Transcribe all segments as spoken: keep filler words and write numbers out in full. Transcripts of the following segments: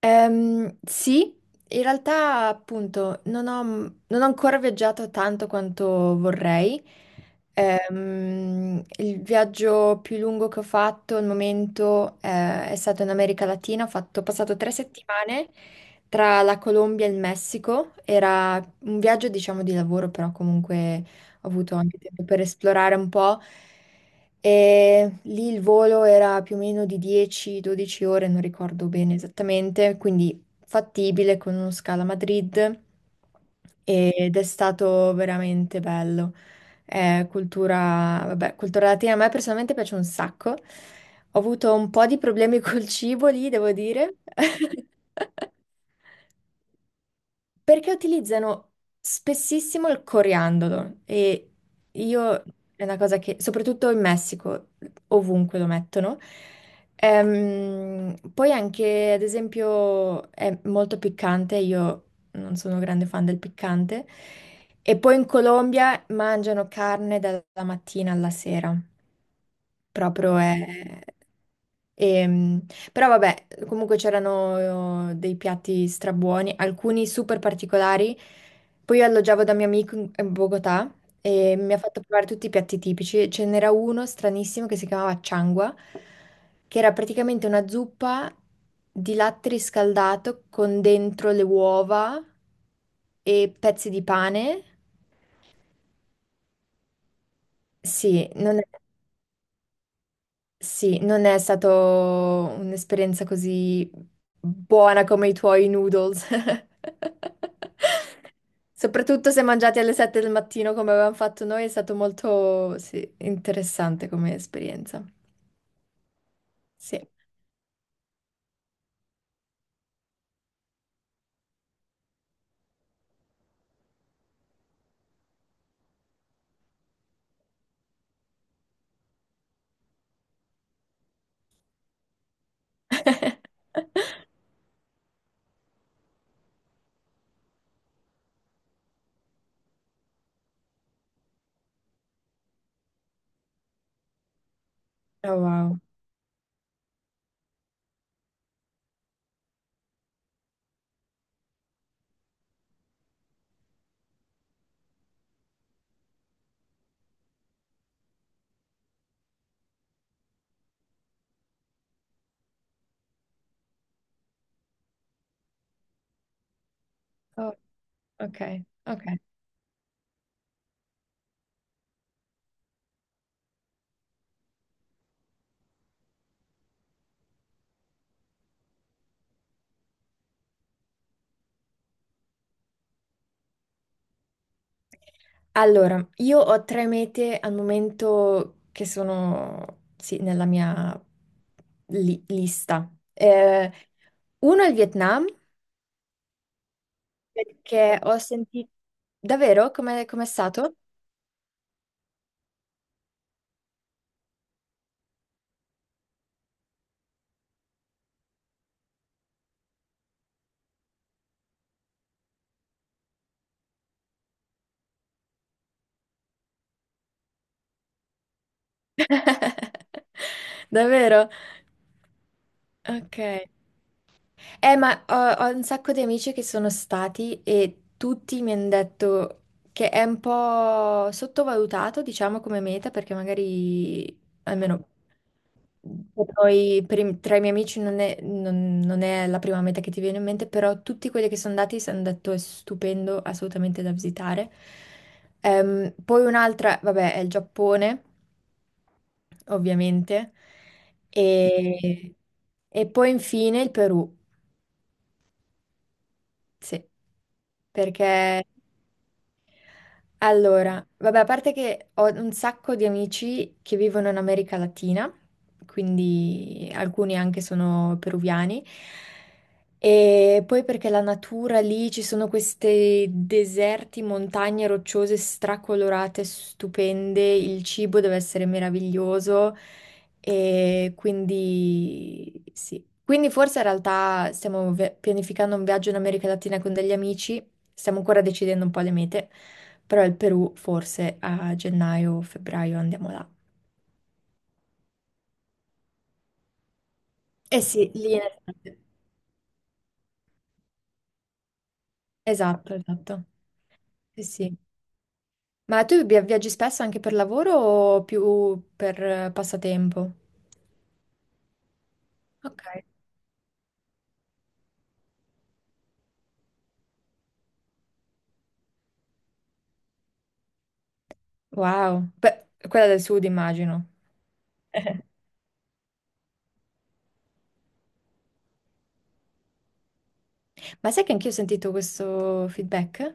Ehm, sì, in realtà appunto non ho, non ho ancora viaggiato tanto quanto vorrei. Ehm, il viaggio più lungo che ho fatto al momento eh, è stato in America Latina. Ho fatto- ho passato tre settimane tra la Colombia e il Messico. Era un viaggio, diciamo, di lavoro, però comunque ho avuto anche tempo per esplorare un po'. E lì il volo era più o meno di dieci dodici ore, non ricordo bene esattamente, quindi fattibile con uno scalo a Madrid, ed è stato veramente bello. È cultura, vabbè, cultura latina, a me personalmente piace un sacco. Ho avuto un po' di problemi col cibo lì, devo dire. Perché utilizzano spessissimo il coriandolo e io, è una cosa che, soprattutto in Messico, ovunque lo mettono. Ehm, poi anche, ad esempio, è molto piccante, io non sono grande fan del piccante, e poi in Colombia mangiano carne dalla mattina alla sera. Proprio è... ehm, però vabbè, comunque c'erano eh, dei piatti strabuoni, alcuni super particolari. Poi io alloggiavo da mio amico in in Bogotà, e mi ha fatto provare tutti i piatti tipici. Ce n'era uno stranissimo che si chiamava changua, che era praticamente una zuppa di latte riscaldato con dentro le uova e pezzi di pane. Sì, non è... Sì, non è stato un'esperienza così buona come i tuoi noodles. Soprattutto se mangiati alle sette del mattino come avevamo fatto noi, è stato molto, sì, interessante come esperienza. Sì. Oh, wow. Oh, ok, ok. Allora, io ho tre mete al momento che sono, sì, nella mia li- lista. Eh, uno è il Vietnam. Perché ho sentito... Davvero? Come come è stato? Davvero? Ok. Eh, ma ho, ho un sacco di amici che sono stati e tutti mi hanno detto che è un po' sottovalutato, diciamo, come meta, perché magari, almeno per noi- per i- tra i miei amici non è, non- non è la prima meta che ti viene in mente, però tutti quelli che sono andati si hanno detto è stupendo, assolutamente da visitare. Ehm, poi un'altra, vabbè, è il Giappone, ovviamente, e, e poi infine il Perù. Sì, perché... Allora, vabbè, a parte che ho un sacco di amici che vivono in America Latina, quindi alcuni anche sono peruviani, e poi perché la natura lì, ci sono questi deserti, montagne rocciose stracolorate, stupende, il cibo deve essere meraviglioso, e quindi sì. Quindi forse in realtà stiamo ve- pianificando un viaggio in America Latina con degli amici, stiamo ancora decidendo un po' le mete. Però il Perù forse a gennaio o febbraio andiamo là. Eh sì, lì in estate. Esatto, esatto. Sì, sì. Ma tu via- viaggi spesso anche per lavoro o più per eh, passatempo? Ok. Wow. Beh, quella del sud immagino. Ma sai che anch'io ho sentito questo feedback?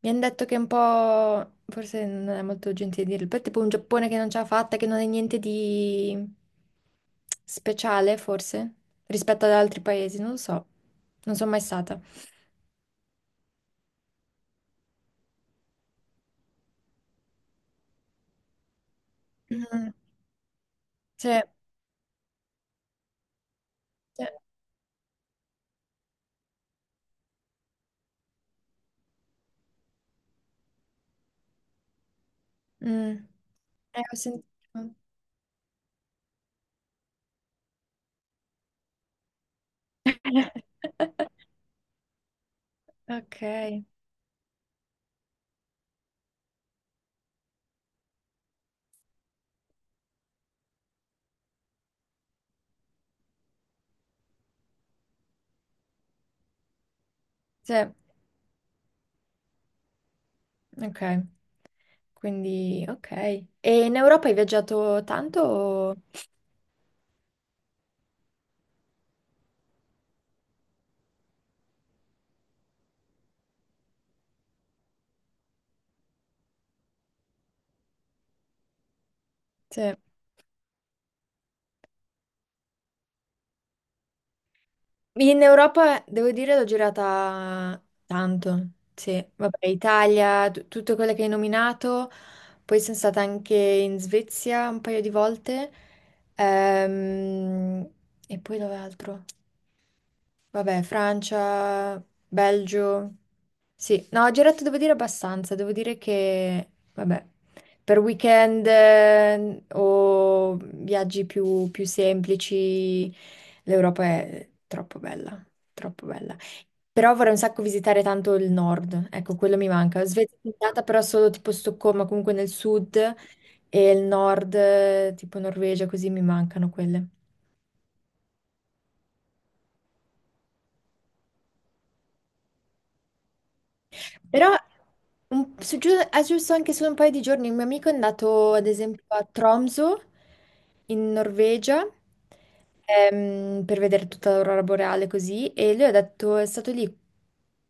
Mi hanno detto che è un po', forse non è molto gentile dirlo, però è tipo un Giappone che non ce l'ha fatta, che non è niente di speciale, forse, rispetto ad altri paesi, non lo so. Non sono mai stata. Mm, Cioè, cioè, mm, eh, ho sentito. Ok, cioè, ok, quindi ok. E in Europa hai viaggiato tanto? o- Sì. In Europa, devo dire, l'ho girata tanto. Sì, vabbè, Italia, tu- tutte quelle che hai nominato. Poi sono stata anche in Svezia un paio di volte. Ehm, e poi dove altro? Vabbè, Francia, Belgio. Sì, no, ho girato, devo dire, abbastanza. Devo dire che, vabbè, per weekend eh, o viaggi più, più semplici, l'Europa è troppo bella, troppo bella. Però vorrei un sacco visitare tanto il nord, ecco, quello mi manca. Svezia è andata, però solo tipo Stoccolma, comunque nel sud, e il nord, eh, tipo Norvegia, così mi mancano quelle. Però un- su- giu- ah, giusto anche solo un paio di giorni, un mio amico è andato ad esempio a Tromsø in Norvegia ehm, per vedere tutta l'aurora boreale così, e lui ha detto è stato lì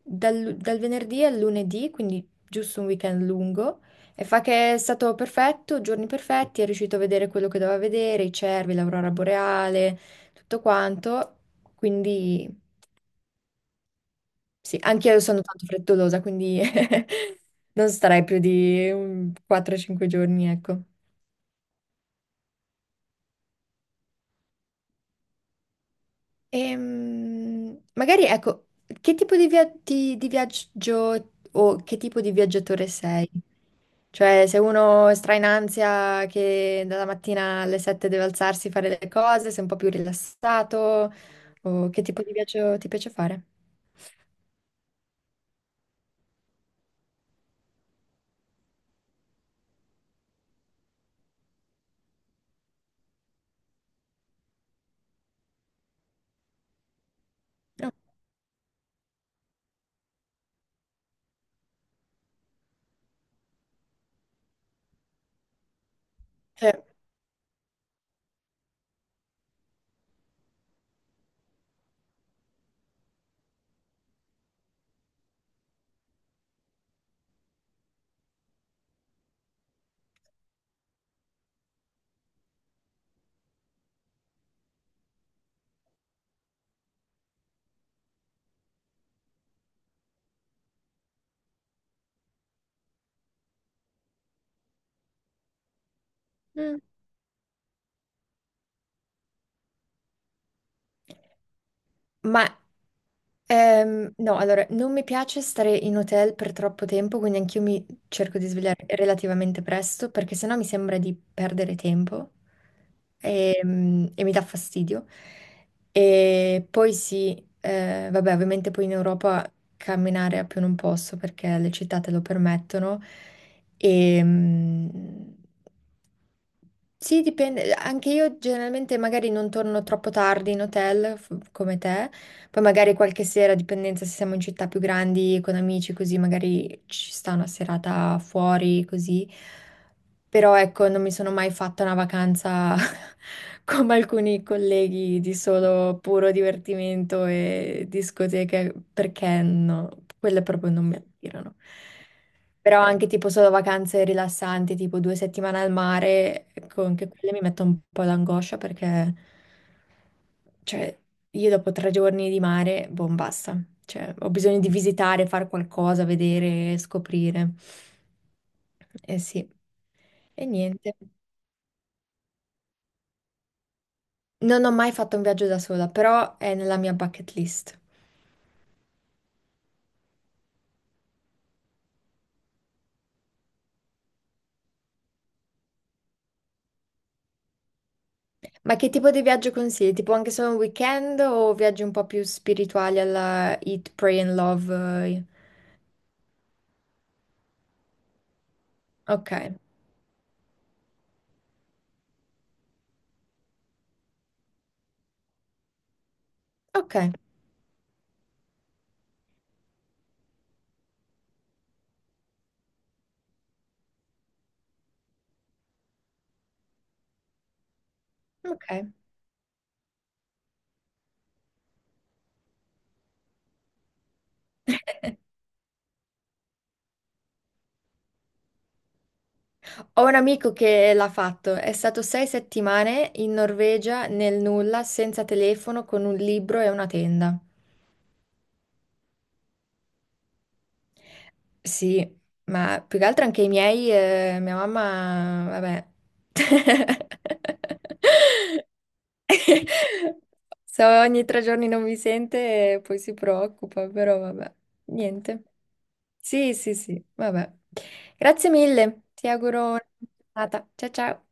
dal, dal venerdì al lunedì, quindi giusto un weekend lungo, e fa che è stato perfetto, giorni perfetti, è riuscito a vedere quello che doveva vedere, i cervi, l'aurora boreale, tutto quanto, quindi... Sì, anch'io sono tanto frettolosa, quindi non starei più di un quattro o cinque giorni, ecco. Ehm, magari, ecco, che tipo di, via- di- di viaggio, o che tipo di viaggiatore sei? Cioè, se uno stra in ansia che dalla mattina alle sette deve alzarsi, fare le cose, sei un po' più rilassato, o che tipo di viaggio ti piace fare? No, cioè, mm. Ma Ehm, no, allora, non mi piace stare in hotel per troppo tempo, quindi anch'io mi cerco di svegliare relativamente presto, perché sennò mi sembra di perdere tempo ehm, e, mi dà fastidio. E poi sì, eh, vabbè, ovviamente poi in Europa camminare a più non posso, perché le città te lo permettono. E, sì, dipende. Anche io generalmente magari non torno troppo tardi in hotel f- come te, poi magari qualche sera, a dipendenza se siamo in città più grandi con amici, così magari ci sta una serata fuori, così. Però ecco, non mi sono mai fatta una vacanza come alcuni colleghi, di solo puro divertimento e discoteche, perché no, quelle proprio non mi attirano. Però anche tipo solo vacanze rilassanti, tipo due settimane al mare, ecco, anche quelle mi mettono un po' d'angoscia, perché, cioè, io dopo tre giorni di mare, boh, basta. Cioè, ho bisogno di visitare, fare qualcosa, vedere, scoprire. Eh sì, e niente. Non ho mai fatto un viaggio da sola, però è nella mia bucket list. Ma che tipo di viaggio consigli? Tipo anche solo un weekend, o viaggi un po' più spirituali alla Eat, Pray and Love? Eh? Ok. Ok, ok. Ho un amico che l'ha fatto, è stato sei settimane in Norvegia nel nulla, senza telefono, con un libro e una tenda. Sì, ma più che altro anche i miei, eh, mia mamma, vabbè. Se ogni tre giorni non mi sente, poi si preoccupa, però vabbè, niente. Sì, sì, sì, vabbè. Grazie mille, ti auguro una buona giornata. Ciao ciao.